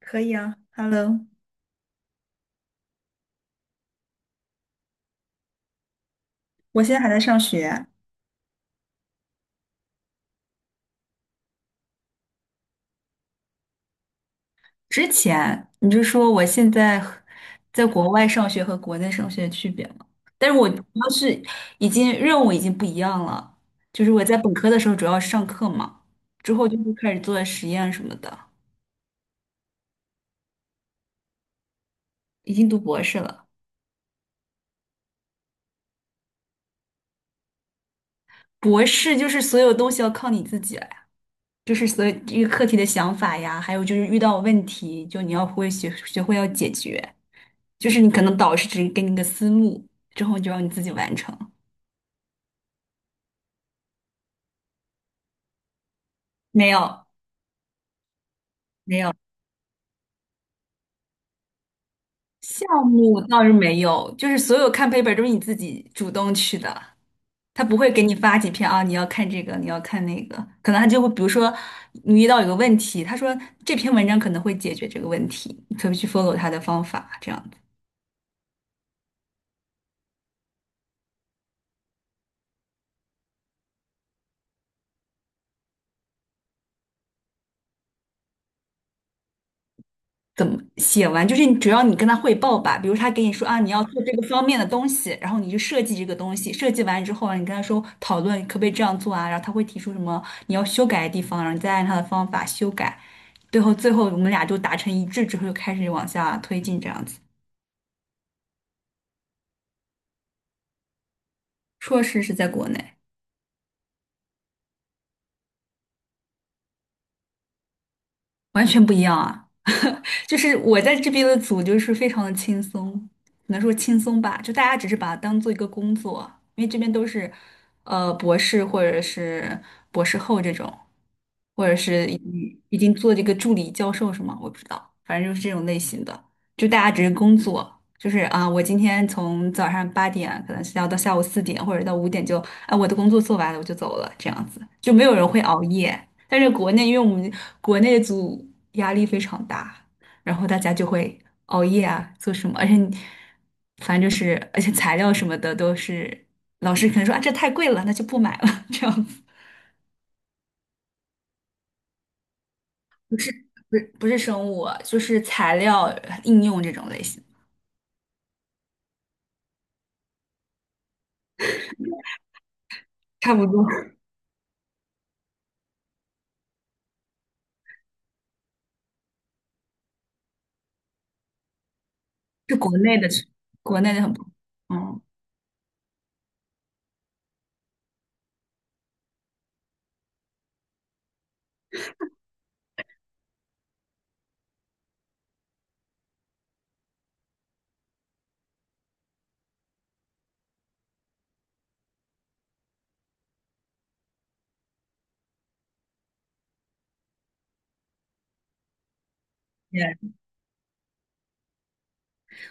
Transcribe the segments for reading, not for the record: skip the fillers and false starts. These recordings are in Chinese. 可以啊，Hello，我现在还在上学。之前你就说我现在和在国外上学和国内上学的区别嘛？但是我主要是已经任务已经不一样了，就是我在本科的时候主要是上课嘛，之后就是开始做实验什么的，已经读博士了。博士就是所有东西要靠你自己来，就是所以这个课题的想法呀，还有就是遇到问题，就你要会学学会要解决，就是你可能导师只给你个思路，之后你就让你自己完成。没有。没有。项目倒是没有，就是所有看 paper 都是你自己主动去的，他不会给你发几篇啊，你要看这个，你要看那个，可能他就会比如说你遇到有个问题，他说这篇文章可能会解决这个问题，你可以去 follow 他的方法，这样子。怎么写完，就是你只要你跟他汇报吧，比如他给你说啊，你要做这个方面的东西，然后你就设计这个东西，设计完之后啊你跟他说讨论可不可以这样做啊，然后他会提出什么你要修改的地方，然后你再按他的方法修改，最后我们俩就达成一致之后，就开始往下推进这样子。硕士是在国内。完全不一样啊！就是我在这边的组就是非常的轻松，只能说轻松吧，就大家只是把它当做一个工作，因为这边都是博士或者是博士后这种，或者是已经做这个助理教授什么，我不知道，反正就是这种类型的，就大家只是工作。就是啊，我今天从早上八点可能是要到下午四点或者到五点就，啊，我的工作做完了我就走了，这样子就没有人会熬夜。但是国内，因为我们国内组压力非常大，然后大家就会熬夜啊，做什么，而且你反正就是，而且材料什么的都是老师可能说啊，这太贵了，那就不买了，这样子。不是。不是不是生物，就是材料应用这种类型，差不多。是国内的很不。嗯。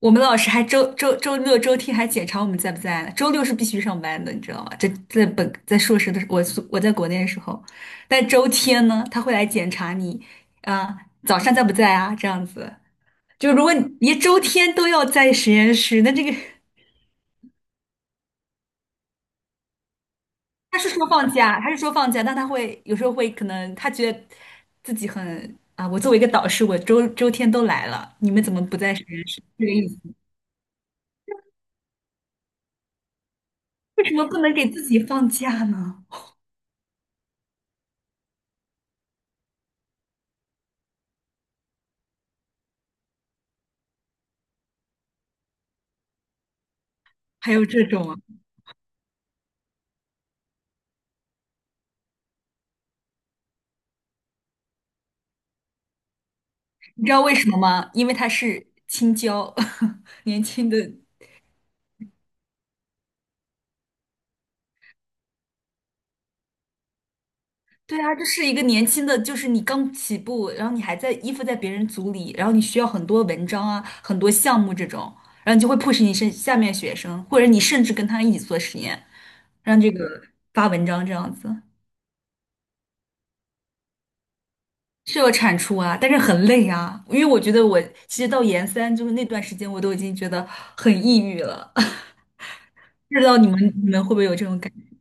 我们老师还周六周天还检查我们在不在呢，周六是必须上班的，你知道吗？这在硕士的时候我在国内的时候，但周天呢，他会来检查你，啊、早上在不在啊？这样子，就如果你连周天都要在实验室，那这个他是说放假。他是说放假，但他会有时候会可能他觉得自己很啊，我作为一个导师，我天都来了，你们怎么不在实验室？这个意思，为什么不能给自己放假呢？还有这种啊。你知道为什么吗？因为他是青椒，年轻的。对啊，这是一个年轻的，就是你刚起步，然后你还在依附在别人组里，然后你需要很多文章啊，很多项目这种，然后你就会迫使你是下面学生，或者你甚至跟他一起做实验，让这个发文章这样子。是有产出啊，但是很累啊，因为我觉得我其实到研三就是那段时间，我都已经觉得很抑郁了，不知道你们会不会有这种感觉？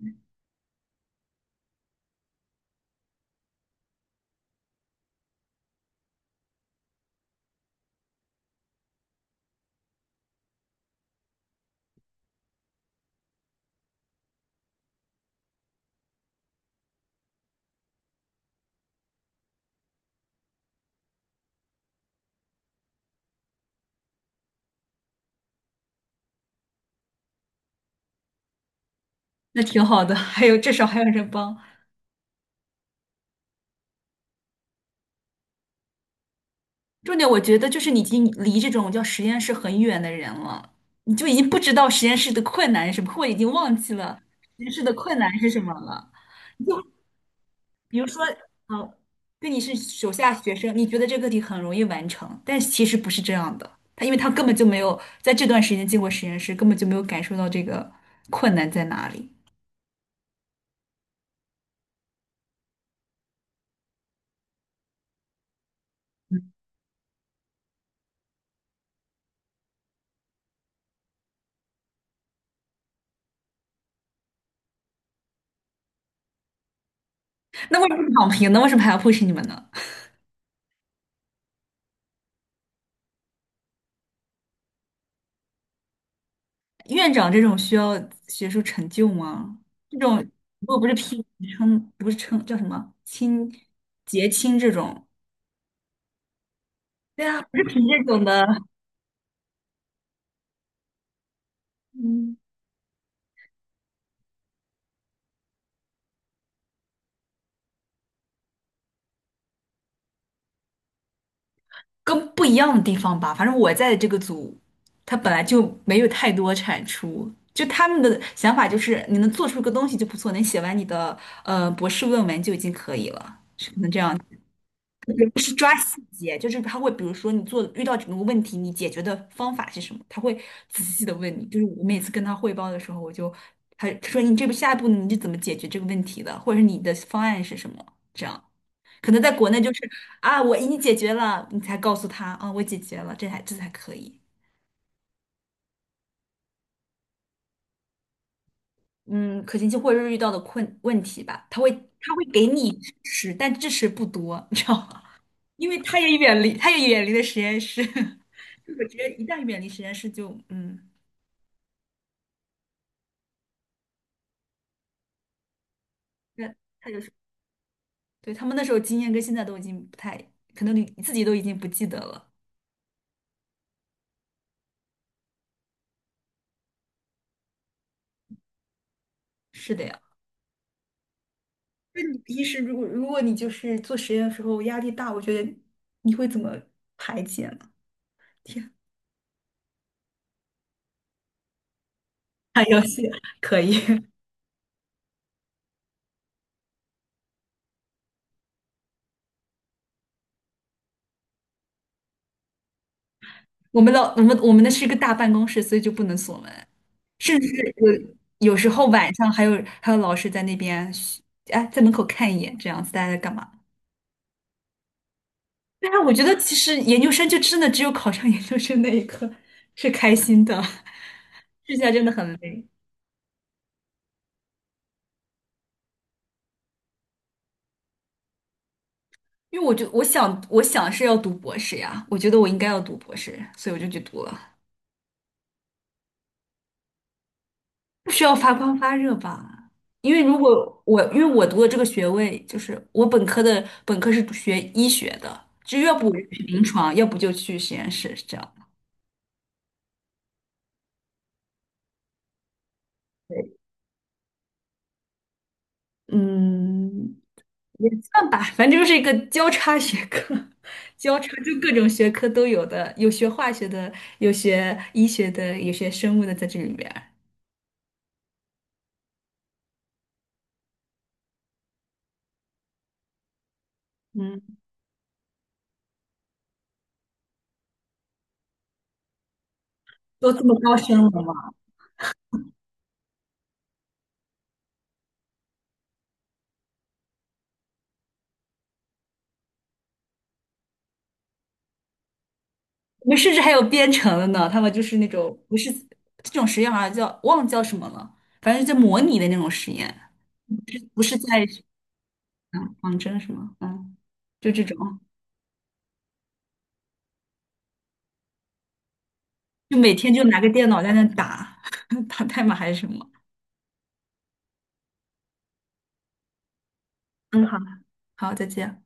那挺好的，还有至少还有人帮。重点我觉得就是你已经离这种叫实验室很远的人了，你就已经不知道实验室的困难是什么，或者已经忘记了实验室的困难是什么了。就比如说，呃，对你是手下学生，你觉得这个题很容易完成，但其实不是这样的。他因为他根本就没有在这段时间进过实验室，根本就没有感受到这个困难在哪里。那为什么躺平呢？为什么还要 push 你们呢？院长这种需要学术成就吗？这种如果不是拼称，不是称叫什么亲结亲这种，对啊，不是凭这种的，嗯，跟不一样的地方吧。反正我在的这个组，他本来就没有太多产出，就他们的想法就是你能做出个东西就不错，能写完你的博士论文就已经可以了。是抓细节，就是他会，比如说你做遇到整个问题，你解决的方法是什么？他会仔细的问你。就是我每次跟他汇报的时候，我就他说你这步下一步你是怎么解决这个问题的，或者是你的方案是什么？这样可能在国内就是啊，我已经解决了，你才告诉他啊，我解决了，这才可以。嗯，可行性或者是遇到的困问题吧，他会给你支持，但支持不多，你知道吗？因为他也远离了实验室。我觉得一旦远离实验室就，嗯，那他就是对他们那时候经验跟现在都已经不太，可能你自己都已经不记得了。是的呀，那你平时如果你就是做实验的时候压力大，我觉得你会怎么排解呢？天，打游戏可以，我们老我们我们那是一个大办公室，所以就不能锁门，甚至有时候晚上还有老师在那边嘘，哎，在门口看一眼，这样子大家在干嘛？但是我觉得其实研究生就真的只有考上研究生那一刻是开心的，剩下真的很累。因为我就我想是要读博士呀，我觉得我应该要读博士，所以我就去读了，不需要发光发热吧？因为我读的这个学位就是我本科是学医学的，就要不我就去临床，要不就去实验室，是这样。对，嗯，也算吧，反正就是一个交叉学科，交叉就各种学科都有的，有学化学的，有学医学的，有学生物的在这里面儿。嗯，都这么高深了吗？我们甚至还有编程的呢，他们就是那种不是这种实验好像叫忘了叫什么了，反正就模拟的那种实验，不是不是在仿真什么，嗯，就这种，就每天就拿个电脑在那打 打代码还是什么。嗯，好。好，再见。